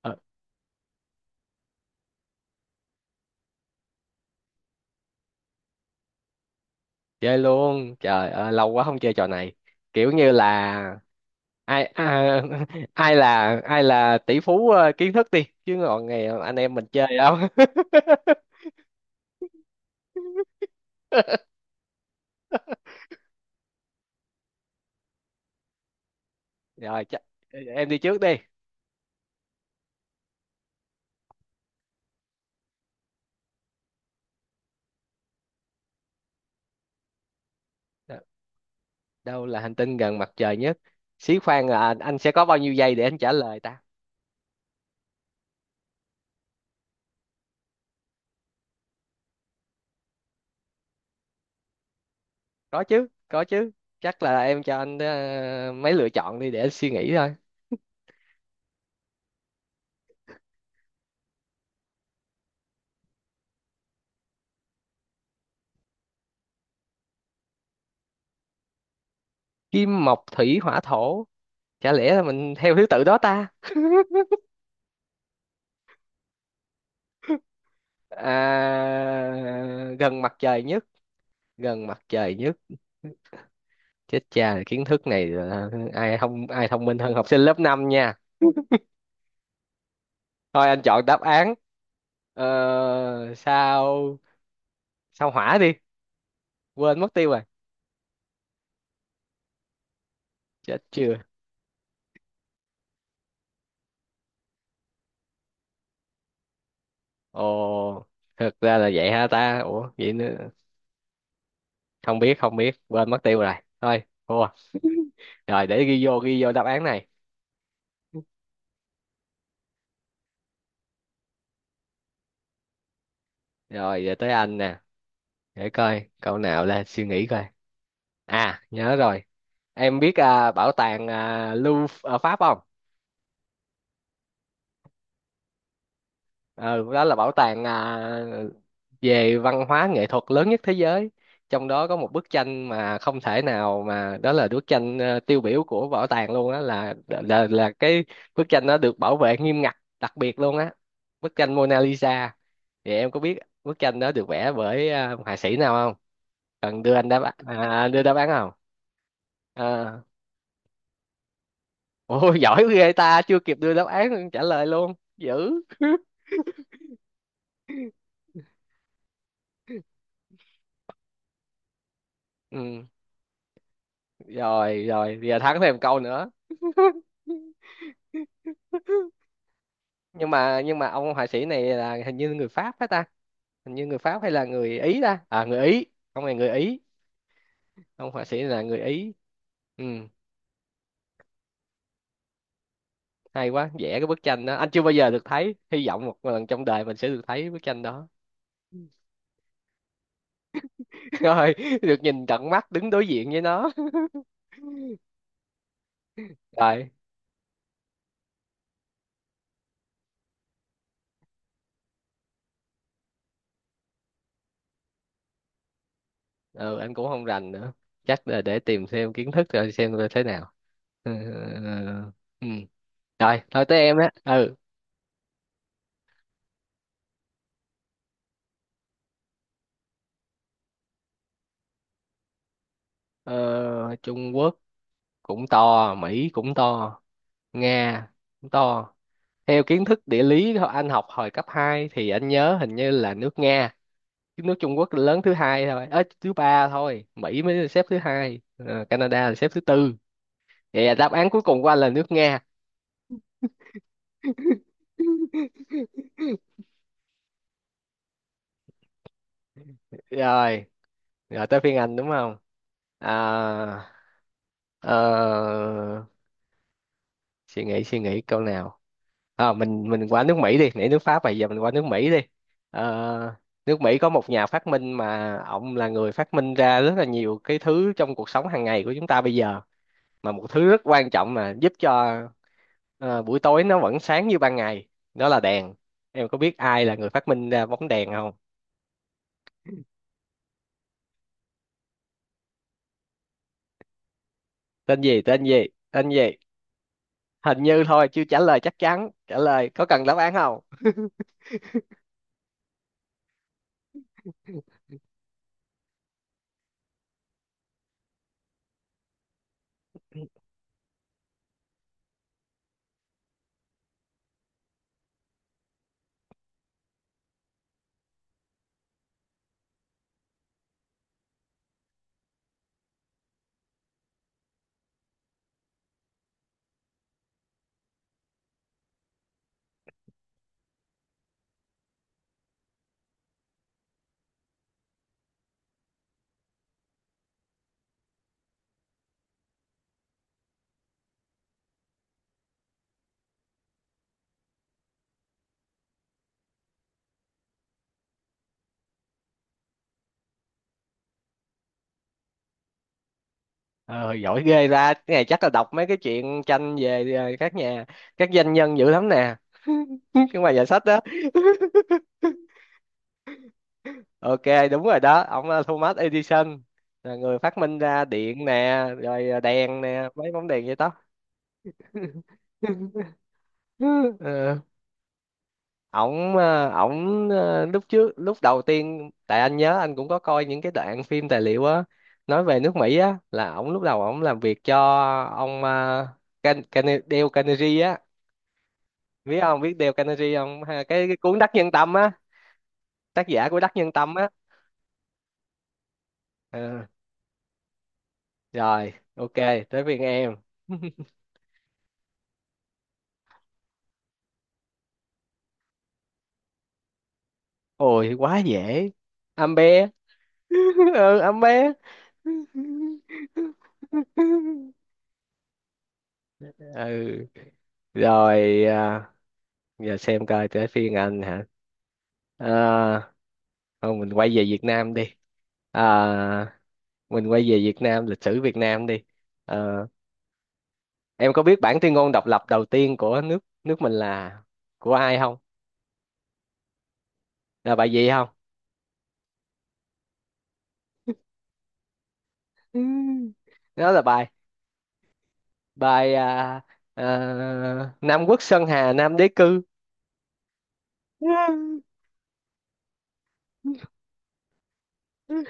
Ờ, chơi luôn, trời ơi lâu quá không chơi trò này. Kiểu như là ai à, ai là tỷ phú kiến thức đi, chứ còn ngày anh em mình chơi không? Rồi, chắc em đi trước đi. Đ- Đâu là hành tinh gần mặt trời nhất? Xí khoan, là anh sẽ có bao nhiêu giây để anh trả lời ta? Có chứ, có chứ. Chắc là em cho anh mấy lựa chọn đi để anh suy nghĩ thôi. Kim mộc thủy hỏa thổ, chả lẽ là mình theo thứ tự đó ta? Gần mặt trời nhất, gần mặt trời nhất. Chết cha, kiến thức này là ai không, ai thông minh hơn học sinh lớp 5 nha. Thôi anh chọn đáp án sao sao hỏa đi. Quên mất tiêu rồi. Chết chưa. Ồ. Thực ra là vậy ha ta, ủa vậy nữa. Không biết, không biết, quên mất tiêu rồi. Thôi, thua rồi. Để ghi vô đáp án này. Rồi giờ tới anh nè. Để coi câu nào, là suy nghĩ coi. À nhớ rồi. Em biết bảo tàng Louvre ở Pháp không? Ừ, đó là bảo tàng về văn hóa nghệ thuật lớn nhất thế giới. Trong đó có một bức tranh mà không thể nào, mà đó là bức tranh tiêu biểu của bảo tàng luôn á, là cái bức tranh nó được bảo vệ nghiêm ngặt đặc biệt luôn á. Bức tranh Mona Lisa. Thì em có biết bức tranh đó được vẽ bởi họa sĩ nào không? Cần đưa anh đưa đáp án không? À, ôi giỏi ghê ta, chưa kịp đưa đáp án trả lời luôn dữ. Ừ, rồi, rồi giờ thắng thêm câu nữa. Nhưng mà ông họa sĩ này là hình như người Pháp phải ta? Hình như người Pháp hay là người Ý ta? À, người Ý. Ông này người Ý, ông họa sĩ là người Ý. Ừ, hay quá, vẽ cái bức tranh đó anh chưa bao giờ được thấy, hy vọng một lần trong đời mình sẽ được thấy bức tranh đó. Rồi được nhìn tận mắt, đứng đối diện với nó. Rồi. Ừ, anh cũng không rành nữa. Chắc là để tìm thêm kiến thức rồi xem là thế nào. Ừ. Ừ, ừ. Ừ. Ừ. Rồi, nói tới em á. Ừ, ờ, Trung Quốc cũng to, Mỹ cũng to, Nga cũng to. Theo kiến thức địa lý anh học hồi cấp 2, thì anh nhớ hình như là nước Nga, chứ nước Trung Quốc lớn thứ hai thôi, thứ ba thôi, Mỹ mới là xếp thứ hai, Canada là xếp thứ tư. Vậy là đáp án cuối cùng của anh là nước Nga. Rồi, rồi tới phiên anh đúng không? À, ờ, suy nghĩ câu nào. Ờ, mình qua nước Mỹ đi, nãy nước Pháp mà giờ mình qua nước Mỹ đi. Ờ, nước Mỹ có một nhà phát minh mà ông là người phát minh ra rất là nhiều cái thứ trong cuộc sống hàng ngày của chúng ta bây giờ, mà một thứ rất quan trọng mà giúp cho buổi tối nó vẫn sáng như ban ngày, đó là đèn. Em có biết ai là người phát minh ra bóng đèn không? Tên gì, tên gì, tên gì? Hình như thôi, chưa trả lời chắc chắn, trả lời có cần đáp án không? Ờ, giỏi ghê ra. Cái này chắc là đọc mấy cái chuyện tranh về các doanh nhân dữ lắm nè, nhưng mà giải sách đó. Ok, đúng rồi đó, ông là Thomas Edison, là người phát minh ra điện nè, rồi đèn nè, mấy bóng đèn vậy đó. Ờ, ổng lúc trước, lúc đầu tiên tại anh nhớ anh cũng có coi những cái đoạn phim tài liệu á, nói về nước Mỹ á, là ổng lúc đầu ổng làm việc cho ông Dale Carnegie á. Biết không, biết Dale Carnegie không? Ha, cái cuốn Đắc Nhân Tâm á, tác giả của Đắc Nhân Tâm á. Ờ, rồi ok, tới phiên em. Ôi quá dễ. Am bé. Ừ, am. Ừ, rồi, giờ xem coi tới phiên anh hả? à, Thôi mình quay về Việt Nam đi. à, mình quay về Việt Nam, lịch sử Việt Nam đi. Ờ, em có biết bản tuyên ngôn độc lập đầu tiên của nước nước mình là của ai không? Là bài gì không? Ừ. Đó là bài bài à, à, Nam Quốc Sơn Hà Nam Đế Cư. Ừ.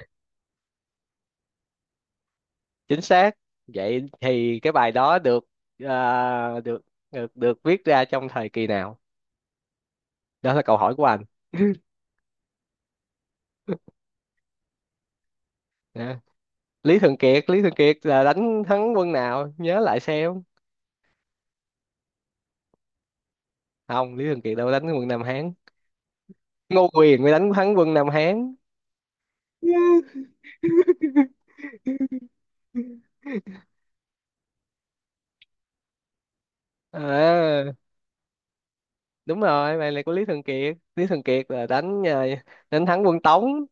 Chính xác. Vậy thì cái bài đó được à, được được được viết ra trong thời kỳ nào? Đó là câu hỏi của anh. Nè, Lý Thường Kiệt, Lý Thường Kiệt là đánh thắng quân nào? Nhớ lại xem. Không, Lý Thường Kiệt đâu có đánh quân Nam Hán. Ngô Quyền mới đánh thắng quân Nam Hán. À đúng rồi, bài này của Lý Thường Kiệt. Lý Thường Kiệt là đánh thắng quân Tống.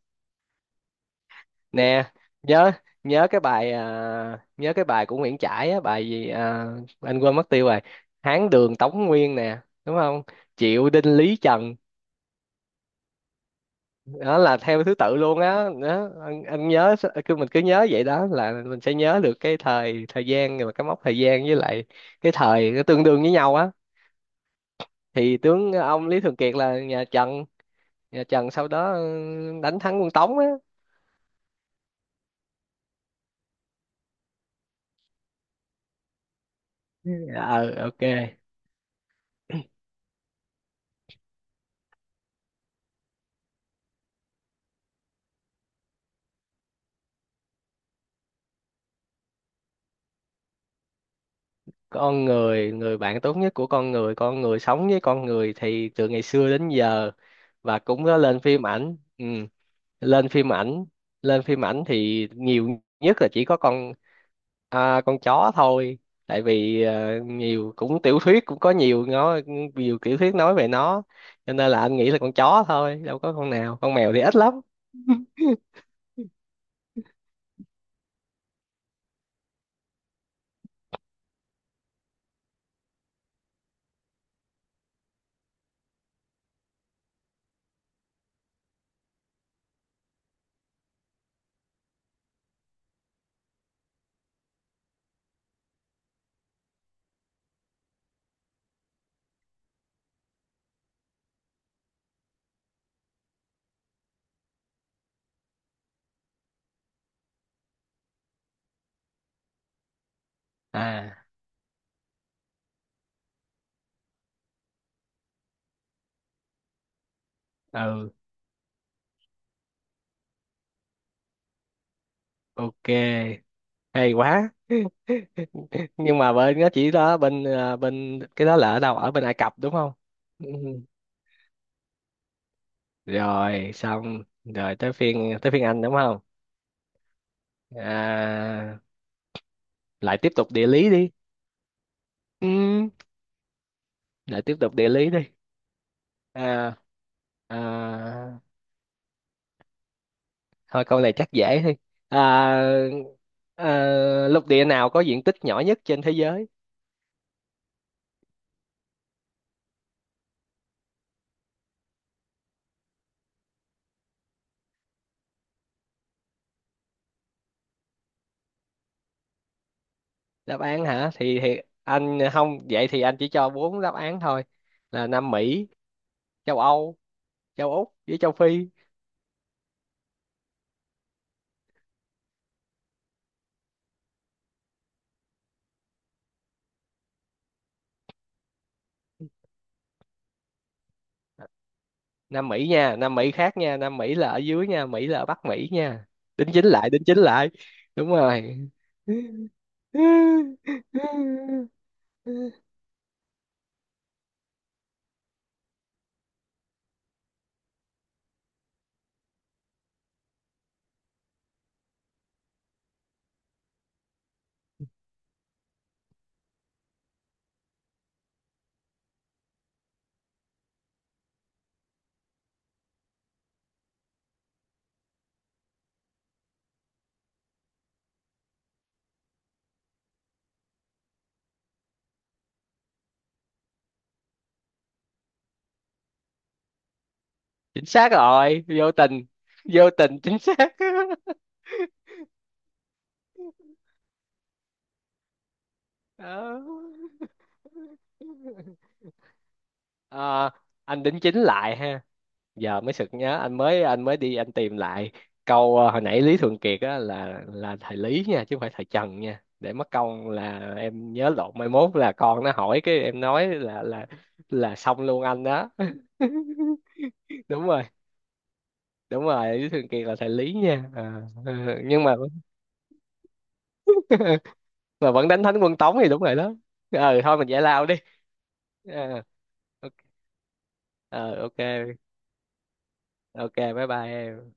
Nè, nhớ nhớ cái bài à, nhớ cái bài của Nguyễn Trãi á, bài gì anh quên mất tiêu rồi. Hán Đường Tống Nguyên nè, đúng không? Triệu Đinh Lý Trần, đó là theo thứ tự luôn á. Đó. Anh nhớ, cứ mình cứ nhớ vậy đó là mình sẽ nhớ được cái thời thời gian và cái mốc thời gian, với lại cái thời nó tương đương với nhau á. Thì tướng ông Lý Thường Kiệt là nhà Trần sau đó, đánh thắng quân Tống á. Ờ, ok. Con người, người bạn tốt nhất của con người sống với con người thì từ ngày xưa đến giờ và cũng có lên phim ảnh. Ừ, lên phim ảnh, lên phim ảnh thì nhiều nhất là chỉ có con con chó thôi. Tại vì nhiều cũng tiểu thuyết cũng có nhiều nói, nhiều tiểu thuyết nói về nó, cho nên là anh nghĩ là con chó thôi, đâu có con nào, con mèo thì ít lắm. À, ừ, ok. Hay quá. Nhưng mà bên nó chỉ đó, bên bên cái đó là ở đâu, ở bên Ai Cập đúng không? Ừ. Rồi xong rồi, tới phiên anh đúng không? à, Lại tiếp tục địa lý đi. Ừ, lại tiếp tục địa lý đi. à, à, Thôi câu này chắc dễ thôi. à, Lục địa nào có diện tích nhỏ nhất trên thế giới? Đáp án hả? Thì anh không, vậy thì anh chỉ cho bốn đáp án thôi, là Nam Mỹ, châu Âu, châu Úc với châu Phi. Nam Mỹ nha, Nam Mỹ khác nha, Nam Mỹ là ở dưới nha, Mỹ là ở Bắc Mỹ nha. Đính chính lại, đính chính lại. Đúng rồi. Chính xác rồi, vô tình, vô tình chính xác. Đó. Ờ, anh đính chính lại ha. Giờ mới sực nhớ, anh mới đi anh tìm lại câu hồi nãy Lý Thường Kiệt á là thầy Lý nha, chứ không phải thầy Trần nha, để mất công là em nhớ lộn mai mốt là con nó hỏi, cái em nói là xong luôn anh đó. Đúng rồi, đúng rồi, Lý Thường Kiệt là thầy Lý nha. Nhưng mà vẫn đánh thắng quân Tống thì đúng rồi đó. Ừ, thôi mình giải lao đi. Ờ, ok. Ờ, ok, ok, bye bye em.